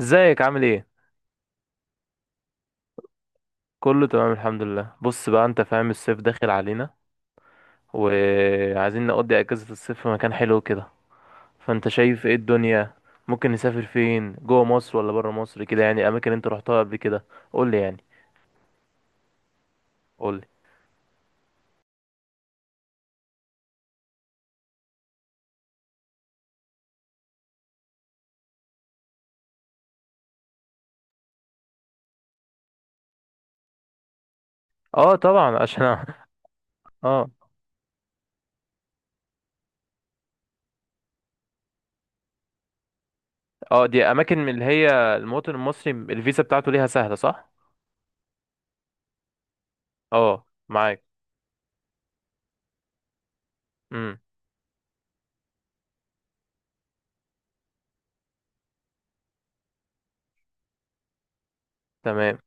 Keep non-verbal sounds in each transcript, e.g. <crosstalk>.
ازيك؟ عامل ايه؟ كله تمام الحمد لله. بص بقى، انت فاهم الصيف داخل علينا وعايزين نقضي اجازة الصيف في مكان حلو كده. فانت شايف ايه الدنيا؟ ممكن نسافر فين، جوه مصر ولا بره مصر؟ كده اماكن انت رحتها قبل كده، قول لي قول لي. اه طبعا عشان <laughs> اه. اه، دي اماكن من اللي هي المواطن المصري الفيزا بتاعته ليها سهلة، صح؟ اه، معاك. امم تمام.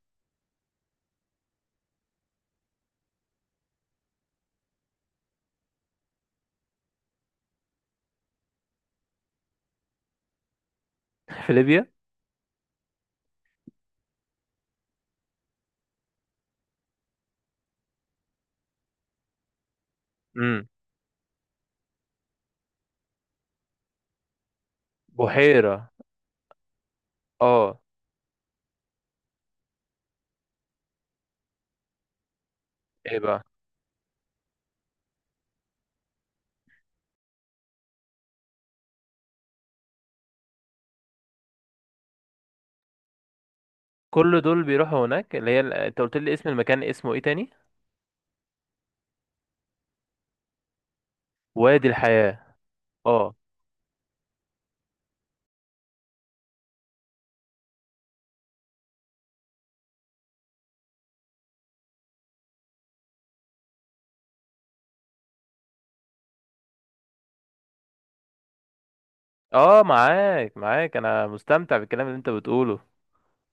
<laughs> في ليبيا؟ امم بحيرة. اه. ايه بقى؟ كل دول بيروحوا هناك؟ انت قلت لي اسم المكان اسمه ايه تاني؟ وادي الحياة. اه، اه معاك، معاك، انا مستمتع بالكلام اللي انت بتقوله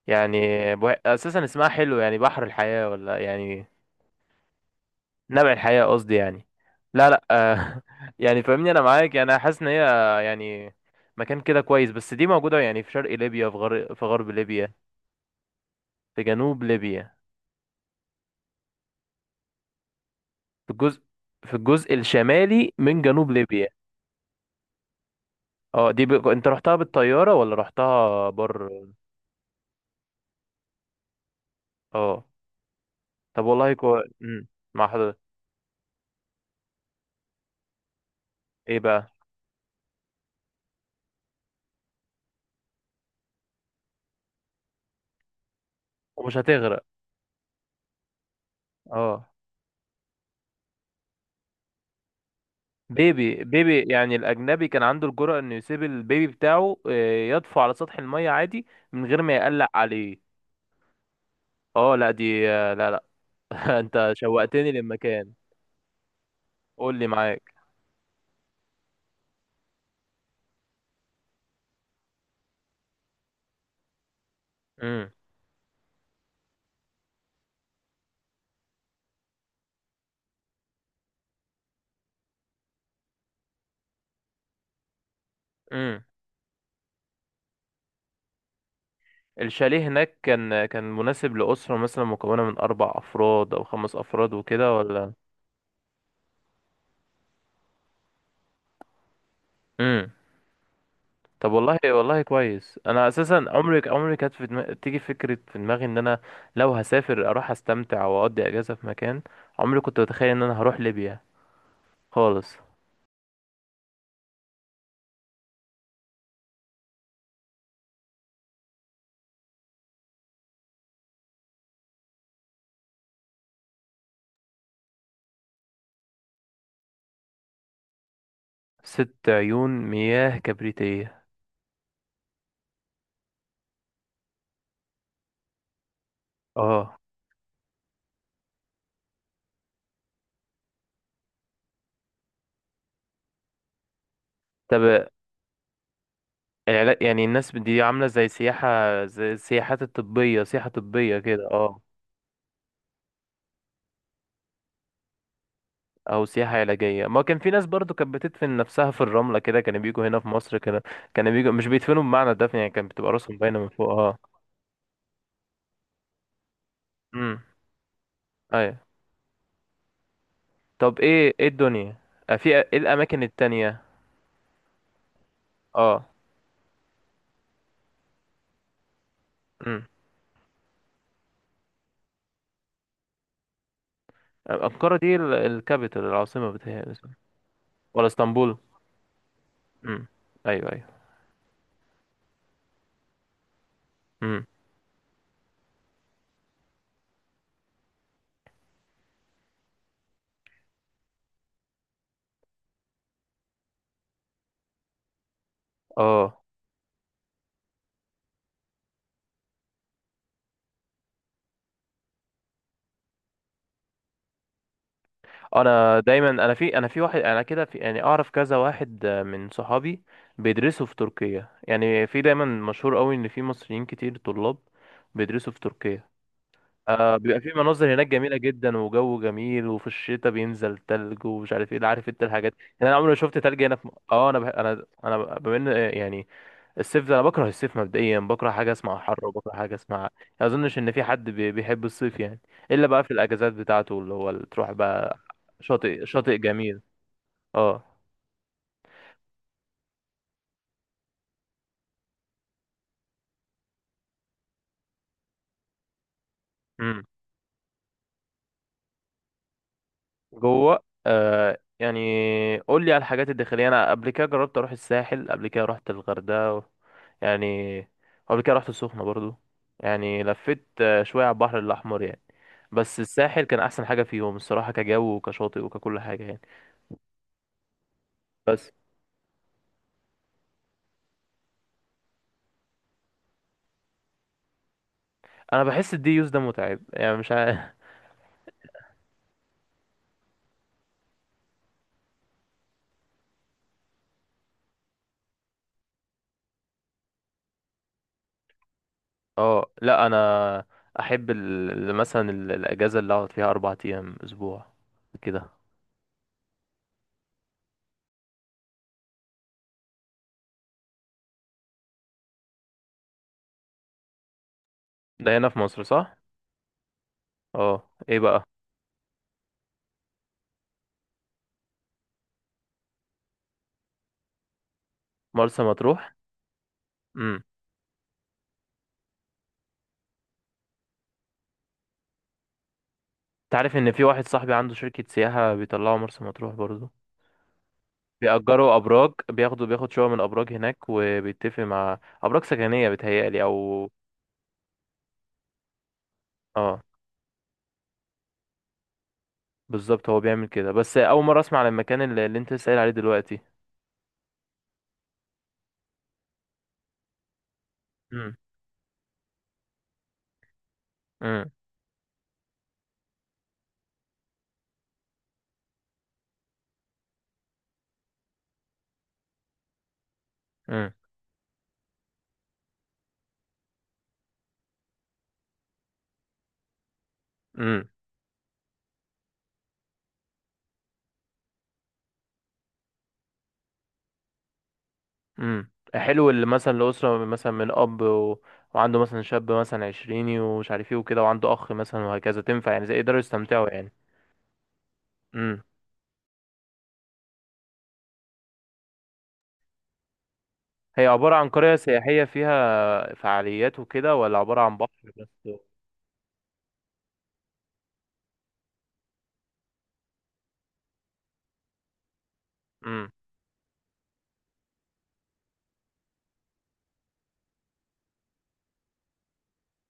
يعني اساسا اسمها حلو، يعني بحر الحياة ولا نبع الحياة قصدي لا لا آه، <laughs> يعني فاهمني، انا معاك، يعني انا حاسس ان هي يعني مكان كده كويس. بس دي موجودة يعني في شرق ليبيا، في غرب، في غرب ليبيا؟ في جنوب ليبيا؟ في الجزء في الجزء الشمالي من جنوب ليبيا. اه، انت رحتها بالطيارة ولا رحتها بر؟ اه. طب والله مع حضرتك. ايه بقى؟ ومش هتغرق؟ اه، بيبي بيبي، يعني الاجنبي كان عنده الجرأة انه يسيب البيبي بتاعه، آه، يطفو على سطح المية عادي من غير ما يقلق عليه. اه لا دي آه، لا لا. <laughs> انت شوقتني للمكان. قول لي، معاك. امم امم الشاليه هناك كان، كان مناسب لأسرة مثلا مكونة من أربع أفراد أو خمس أفراد وكده ولا؟ امم طب والله والله كويس. انا اساسا عمري كانت في دماغي، تيجي فكره في دماغي ان انا لو هسافر اروح استمتع واقضي اجازه في مكان، عمري كنت اتخيل ان انا هروح ليبيا خالص. ست عيون مياه كبريتيه؟ اه. طب يعني الناس دي عامله زي سياحه، زي السياحات الطبيه، سياحه طبيه كده. اه، او سياحه علاجيه. ما كان في ناس برضو كانت بتدفن نفسها في الرمله كده، كانوا بيجوا هنا في مصر كده. كانوا بيجوا، مش بيدفنوا بمعنى الدفن، يعني كانت بتبقى راسهم باينه من فوق. اه. امم أيوه. طب ايه، ايه الدنيا؟ آه، في ايه الاماكن التانية؟ اه. امم انقرة دي الكابيتال، العاصمة بتاعها؟ ولا اسطنبول؟ امم ايوه، ايوه. امم اه. انا دايما انا في انا في واحد انا كده في يعني اعرف كذا واحد، آه، من صحابي بيدرسوا في تركيا، يعني في دايما مشهور قوي ان في مصريين كتير طلاب بيدرسوا في تركيا. آه، بيبقى في مناظر هناك جميلة جدا وجو جميل، وفي الشتاء بينزل تلج ومش عارف ايه. عارف انت الحاجات، يعني انا عمري ما شفت تلج هنا في اه، انا بما ان آه، يعني الصيف ده، انا بكره الصيف مبدئيا. بكره حاجة اسمها حر، وبكره حاجة اسمها، ما اظنش ان في حد بيحب الصيف يعني، الا بقى في الاجازات بتاعته اللي هو اللي تروح بقى. شاطئ، شاطئ جميل. اه. جوه. آه يعني قول لي على الحاجات الداخليه. انا قبل كده جربت اروح الساحل، قبل كده رحت الغردقه يعني، قبل كده رحت السخنه برضو، يعني لفيت آه، شويه على البحر الاحمر يعني. بس الساحل كان احسن حاجه فيهم الصراحه، كجو وكشاطئ وككل حاجه يعني. بس انا بحس الدي يوز ده متعب، يعني مش عارف. <laughs> اه لا، انا احب مثلا الاجازه اللي اقعد فيها اربع ايام، اسبوع كده. ده هنا في مصر، صح؟ اه، ايه بقى؟ مرسى مطروح؟ تعرف ان في واحد صاحبي عنده شركة سياحة بيطلعوا مرسى مطروح برضه، بيأجروا أبراج، بياخدوا، بياخد شقة من أبراج هناك، وبيتفق مع أبراج سكنية، بتهيألي أو اه، بالظبط هو بيعمل كده. بس أول مرة أسمع عن المكان اللي أنت سائل عليه دلوقتي. امم امم امم امم حلو. اللي مثلا الأسرة مثلا من أب وعنده مثلا شاب مثلا عشريني ومش عارف ايه وكده، وعنده أخ مثلا وهكذا، تنفع يعني زي يقدروا يستمتعوا يعني؟ امم هي عبارة عن قرية سياحية فيها فعاليات وكده، ولا عبارة عن بحر بس؟ امم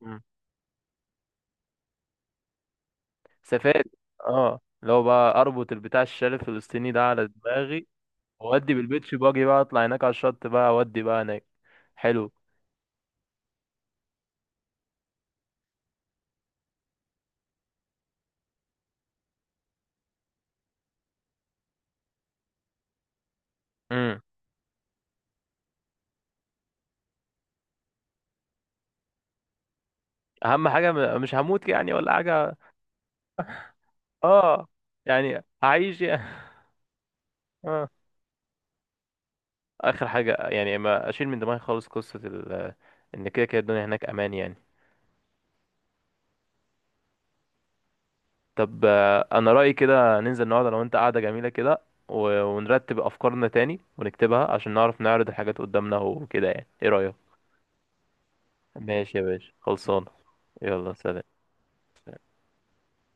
امم سفاري. اه، لو بقى اربط البتاع، الشال الفلسطيني ده على دماغي، وادي بالبيتش، باجي بقى اطلع هناك على الشط بقى، اودي بقى هناك. حلو. امم اهم حاجة مش هموت يعني، ولا حاجة؟ اه يعني هعيش يعني. <laughs> اه. اخر حاجة، يعني ما اشيل من دماغي خالص قصة ال، ان كده كده الدنيا هناك امان يعني. طب آه، انا رأيي كده ننزل النهارده، لو انت قاعدة جميلة كده، ونرتب افكارنا تاني ونكتبها عشان نعرف نعرض الحاجات قدامنا وكده. يعني ايه رأيك؟ ماشي يا باشا، خلصانه. يلا سلام.